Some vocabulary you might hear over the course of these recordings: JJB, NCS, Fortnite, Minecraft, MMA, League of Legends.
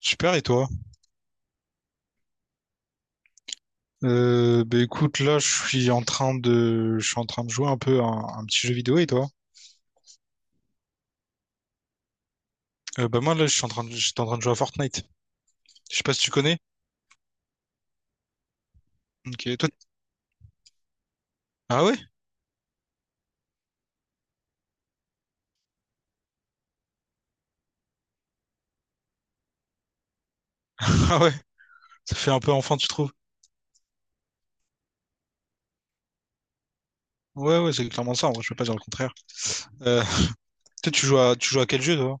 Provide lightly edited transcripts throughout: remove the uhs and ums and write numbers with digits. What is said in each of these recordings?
Super, et toi? Écoute, là, je suis en train de, je suis en train de jouer un peu à un petit jeu vidéo, et toi? Bah moi, là, je suis en train de, j'étais en train de jouer à Fortnite. Je sais pas si tu connais. Ok, toi... Ah ouais? Ah ouais? Ça fait un peu enfant, tu trouves? Ouais, ouais, c'est clairement ça, en vrai, je peux pas dire le contraire. Euh, Toi, tu joues à quel jeu, toi?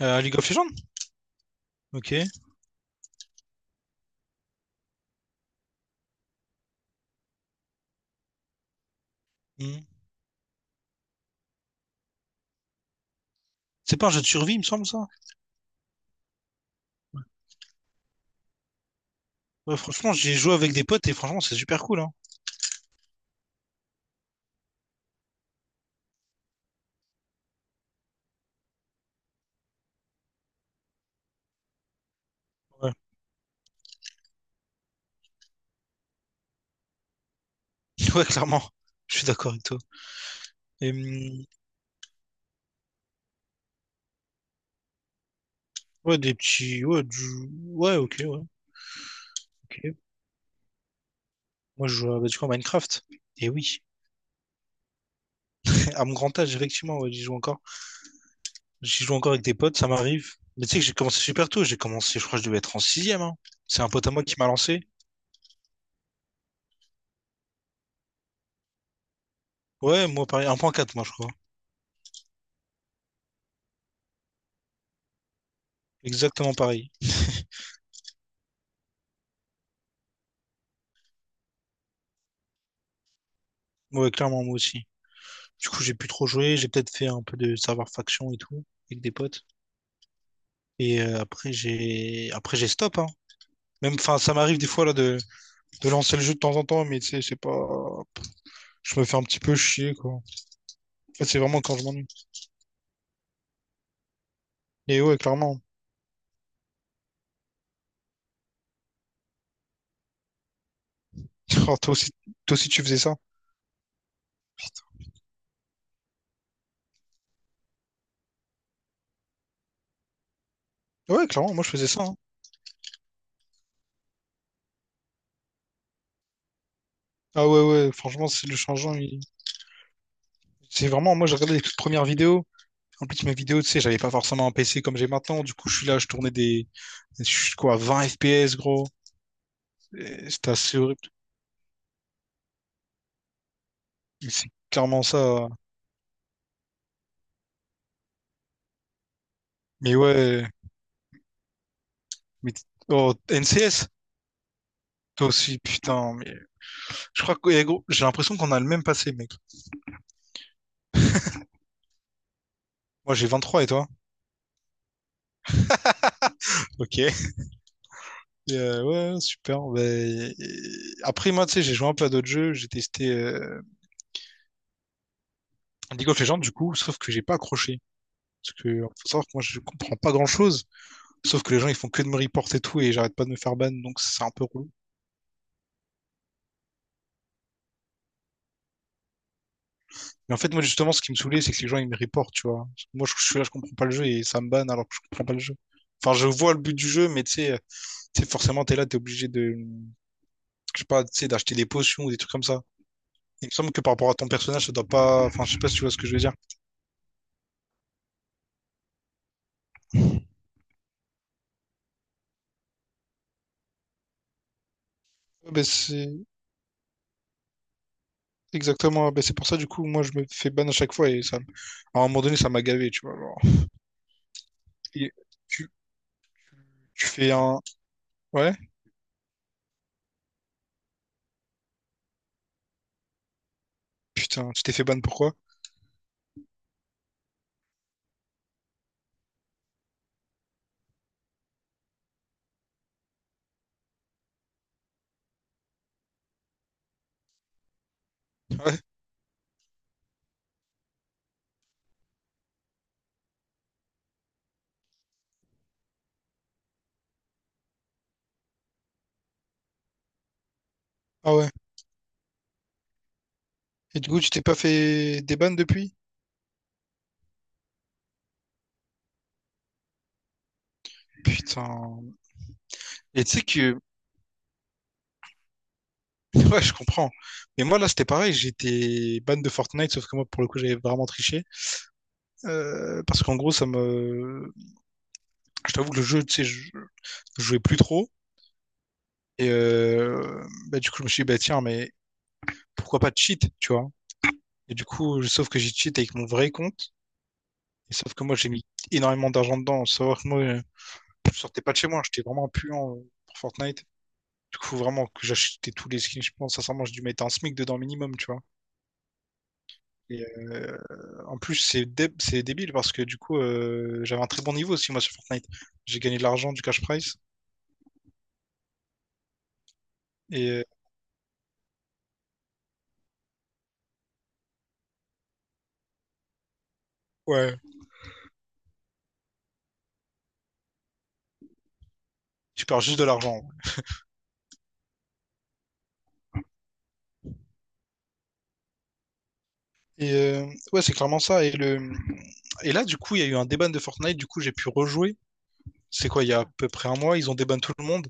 À League of Legends? Ok. Hmm. C'est pas un jeu de survie, il me semble, ça? Ouais, franchement, j'ai joué avec des potes, et franchement, c'est super cool, hein. Ouais. Ouais, clairement. Je suis d'accord avec toi. Et, ouais, des petits... Ouais, ouais, ok, ouais. Ok. Moi, bah, du coup, à Minecraft. Et oui. À mon grand âge, effectivement, ouais, j'y joue encore. J'y joue encore avec des potes, ça m'arrive. Mais tu sais que j'ai commencé super tôt. J'ai commencé, je crois que je devais être en sixième, hein. C'est un pote à moi qui m'a lancé. Ouais, moi, pareil. Un point quatre moi, je crois. Exactement pareil. Ouais, clairement, moi aussi. Du coup, j'ai plus trop joué. J'ai peut-être fait un peu de serveur faction et tout, avec des potes. Après, après, j'ai stop, hein. Même, enfin, ça m'arrive des fois, là, de lancer le jeu de temps en temps, mais tu sais, c'est pas, je me fais un petit peu chier, quoi. En fait, c'est vraiment quand je m'ennuie. Et ouais, clairement. Oh, toi aussi, tu faisais ça? Ouais, clairement, moi je faisais ça. Hein. Ah ouais, ouais, franchement, c'est le changeant. Il- C'est vraiment, moi j'ai regardé les toutes premières vidéos. En plus, mes vidéos, tu sais, j'avais pas forcément un PC comme j'ai maintenant. Du coup, je suis là, je tournais des. Je suis quoi, 20 FPS, gros. Et c'était assez horrible. Mais c'est clairement ça. Mais ouais, mais. Oh, NCS? Toi aussi, putain. Mais... Je crois que, gros, j'ai l'impression qu'on a le même passé, mec. Moi j'ai 23 et toi? Ok. Et, euh, ouais, super. Après, moi, tu sais, j'ai joué un peu à d'autres jeux. J'ai testé. League of Legends, du coup, sauf que j'ai pas accroché. Parce que, faut savoir que moi, je comprends pas grand-chose. Sauf que les gens, ils font que de me report et tout, et j'arrête pas de me faire ban, donc c'est un peu relou. Mais en fait, moi, justement, ce qui me saoulait, c'est que les gens, ils me reportent, tu vois. Moi, je suis là, je comprends pas le jeu, et ça me banne alors que je comprends pas le jeu. Enfin, je vois le but du jeu, mais tu sais, forcément, t'es là, je sais pas, tu sais, d'acheter des potions ou des trucs comme ça. Il me semble que par rapport à ton personnage, ça doit pas, enfin, je sais pas si tu vois ce que je veux dire. Ouais, ben c'est pour ça, du coup, moi, je me fais ban à chaque fois et ça, à un moment donné, ça m'a gavé, tu vois. Genre. Et tu, tu fais un... Ouais? Putain, tu t'es fait ban pourquoi? Ouais. Ah ouais. Et du coup, tu t'es pas fait des bans depuis? Putain. Et tu sais que... Ouais, je comprends. Mais moi, là, c'était pareil. J'étais ban de Fortnite, sauf que moi, pour le coup, j'avais vraiment triché. Parce qu'en gros, ça me... Je t'avoue que le jeu, tu sais, je jouais plus trop. Du coup, je me suis dit, bah, tiens, mais pourquoi pas cheat, tu vois? Et du coup, sauf que j'ai cheat avec mon vrai compte. Et sauf que moi, j'ai mis énormément d'argent dedans. Faut savoir que moi, je sortais pas de chez moi. J'étais vraiment un puant pour Fortnite. Du coup, vraiment, que j'achetais tous les skins, je pense, sincèrement, j'ai dû mettre un SMIC dedans minimum, tu vois. Et euh, En plus, c'est débile parce que du coup, j'avais un très bon niveau aussi, moi, sur Fortnite. J'ai gagné de l'argent, du cash prize. Et euh, ouais, tu perds juste de l'argent. Et euh, ouais, c'est clairement ça. Et, le... et là, du coup, il y a eu un déban de Fortnite. Du coup, j'ai pu rejouer. C'est quoi, il y a à peu près un mois, ils ont déban tout le monde.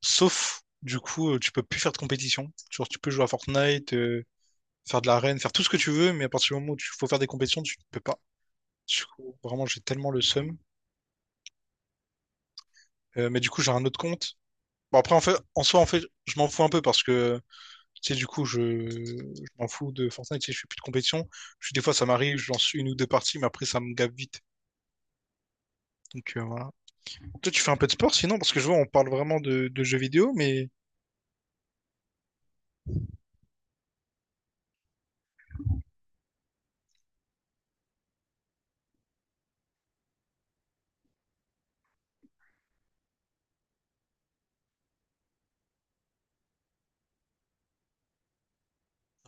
Sauf, du coup, tu peux plus faire de compétition. Genre, tu peux jouer à Fortnite, faire de l'arène, faire tout ce que tu veux, mais à partir du moment où il faut faire des compétitions, tu ne peux pas. Du coup, vraiment, j'ai tellement le seum. Mais du coup, j'ai un autre compte. Bon, après, en fait, en soi, en fait, je m'en fous un peu parce que, tu sais, du coup, je m'en fous de Fortnite. Tu sais, je fais plus de compétition. Je suis, des fois, ça m'arrive, je lance une ou deux parties, mais après, ça me gave vite. Donc, voilà. Toi, tu fais un peu de sport sinon, parce que je vois, on parle vraiment de jeux vidéo, mais.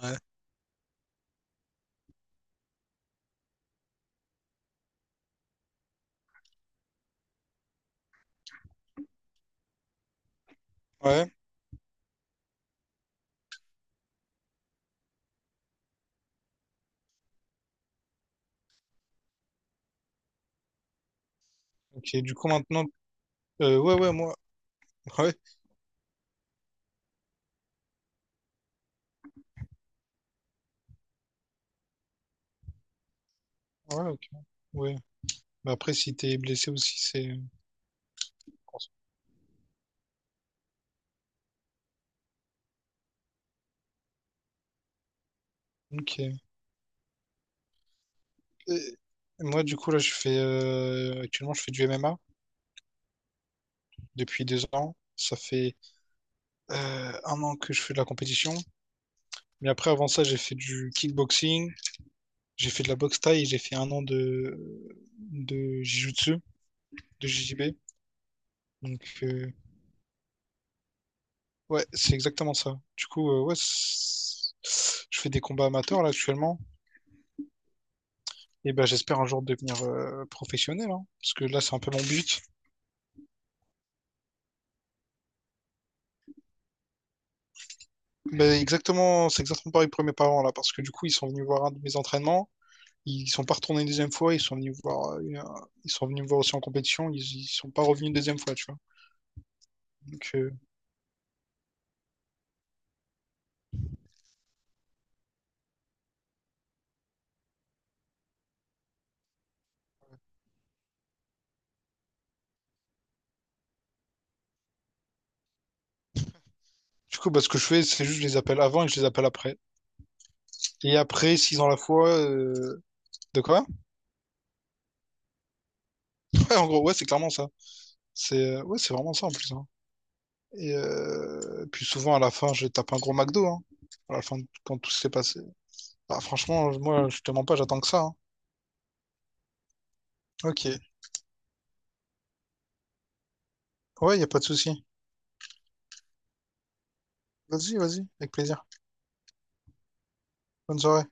Ouais. Ouais, ok. Du coup, maintenant. Ouais, ouais, moi. Ouais, ouais, ok. Ouais. Bah après, si t'es blessé aussi, c'est. Ok. Et moi, du coup, là, je fais. Actuellement, je fais du MMA depuis 2 ans. Ça fait 1 an que je fais de la compétition. Mais après, avant ça, j'ai fait du kickboxing, j'ai fait de la boxe thaï, et j'ai fait 1 an de. De Jiu-Jitsu, de JJB. Donc, ouais, c'est exactement ça. Du coup, je fais des combats amateurs là actuellement. Et ben, j'espère un jour devenir professionnel, hein, parce que là, c'est un peu mon but. Mais exactement, c'est exactement pareil pour mes parents là, parce que du coup, ils sont venus voir un de mes entraînements. Ils sont pas retournés une deuxième fois. Ils sont venus voir, ils sont venus me voir aussi en compétition. Ils sont pas revenus une deuxième fois, tu vois. Donc, du coup, bah, ce que je fais, c'est juste je les appelle avant et je les appelle après. Et après, s'ils ont la foi, de quoi? Ouais, en gros, ouais, c'est clairement ça. C'est, ouais, c'est vraiment ça en plus. Hein. Puis souvent, à la fin, je tape un gros McDo, hein. À la fin, quand tout s'est passé. Bah, franchement, moi, je te mens pas, j'attends que ça, hein. Ok. Ouais, y a pas de souci. Vas-y, vas-y, avec plaisir. Bonne soirée.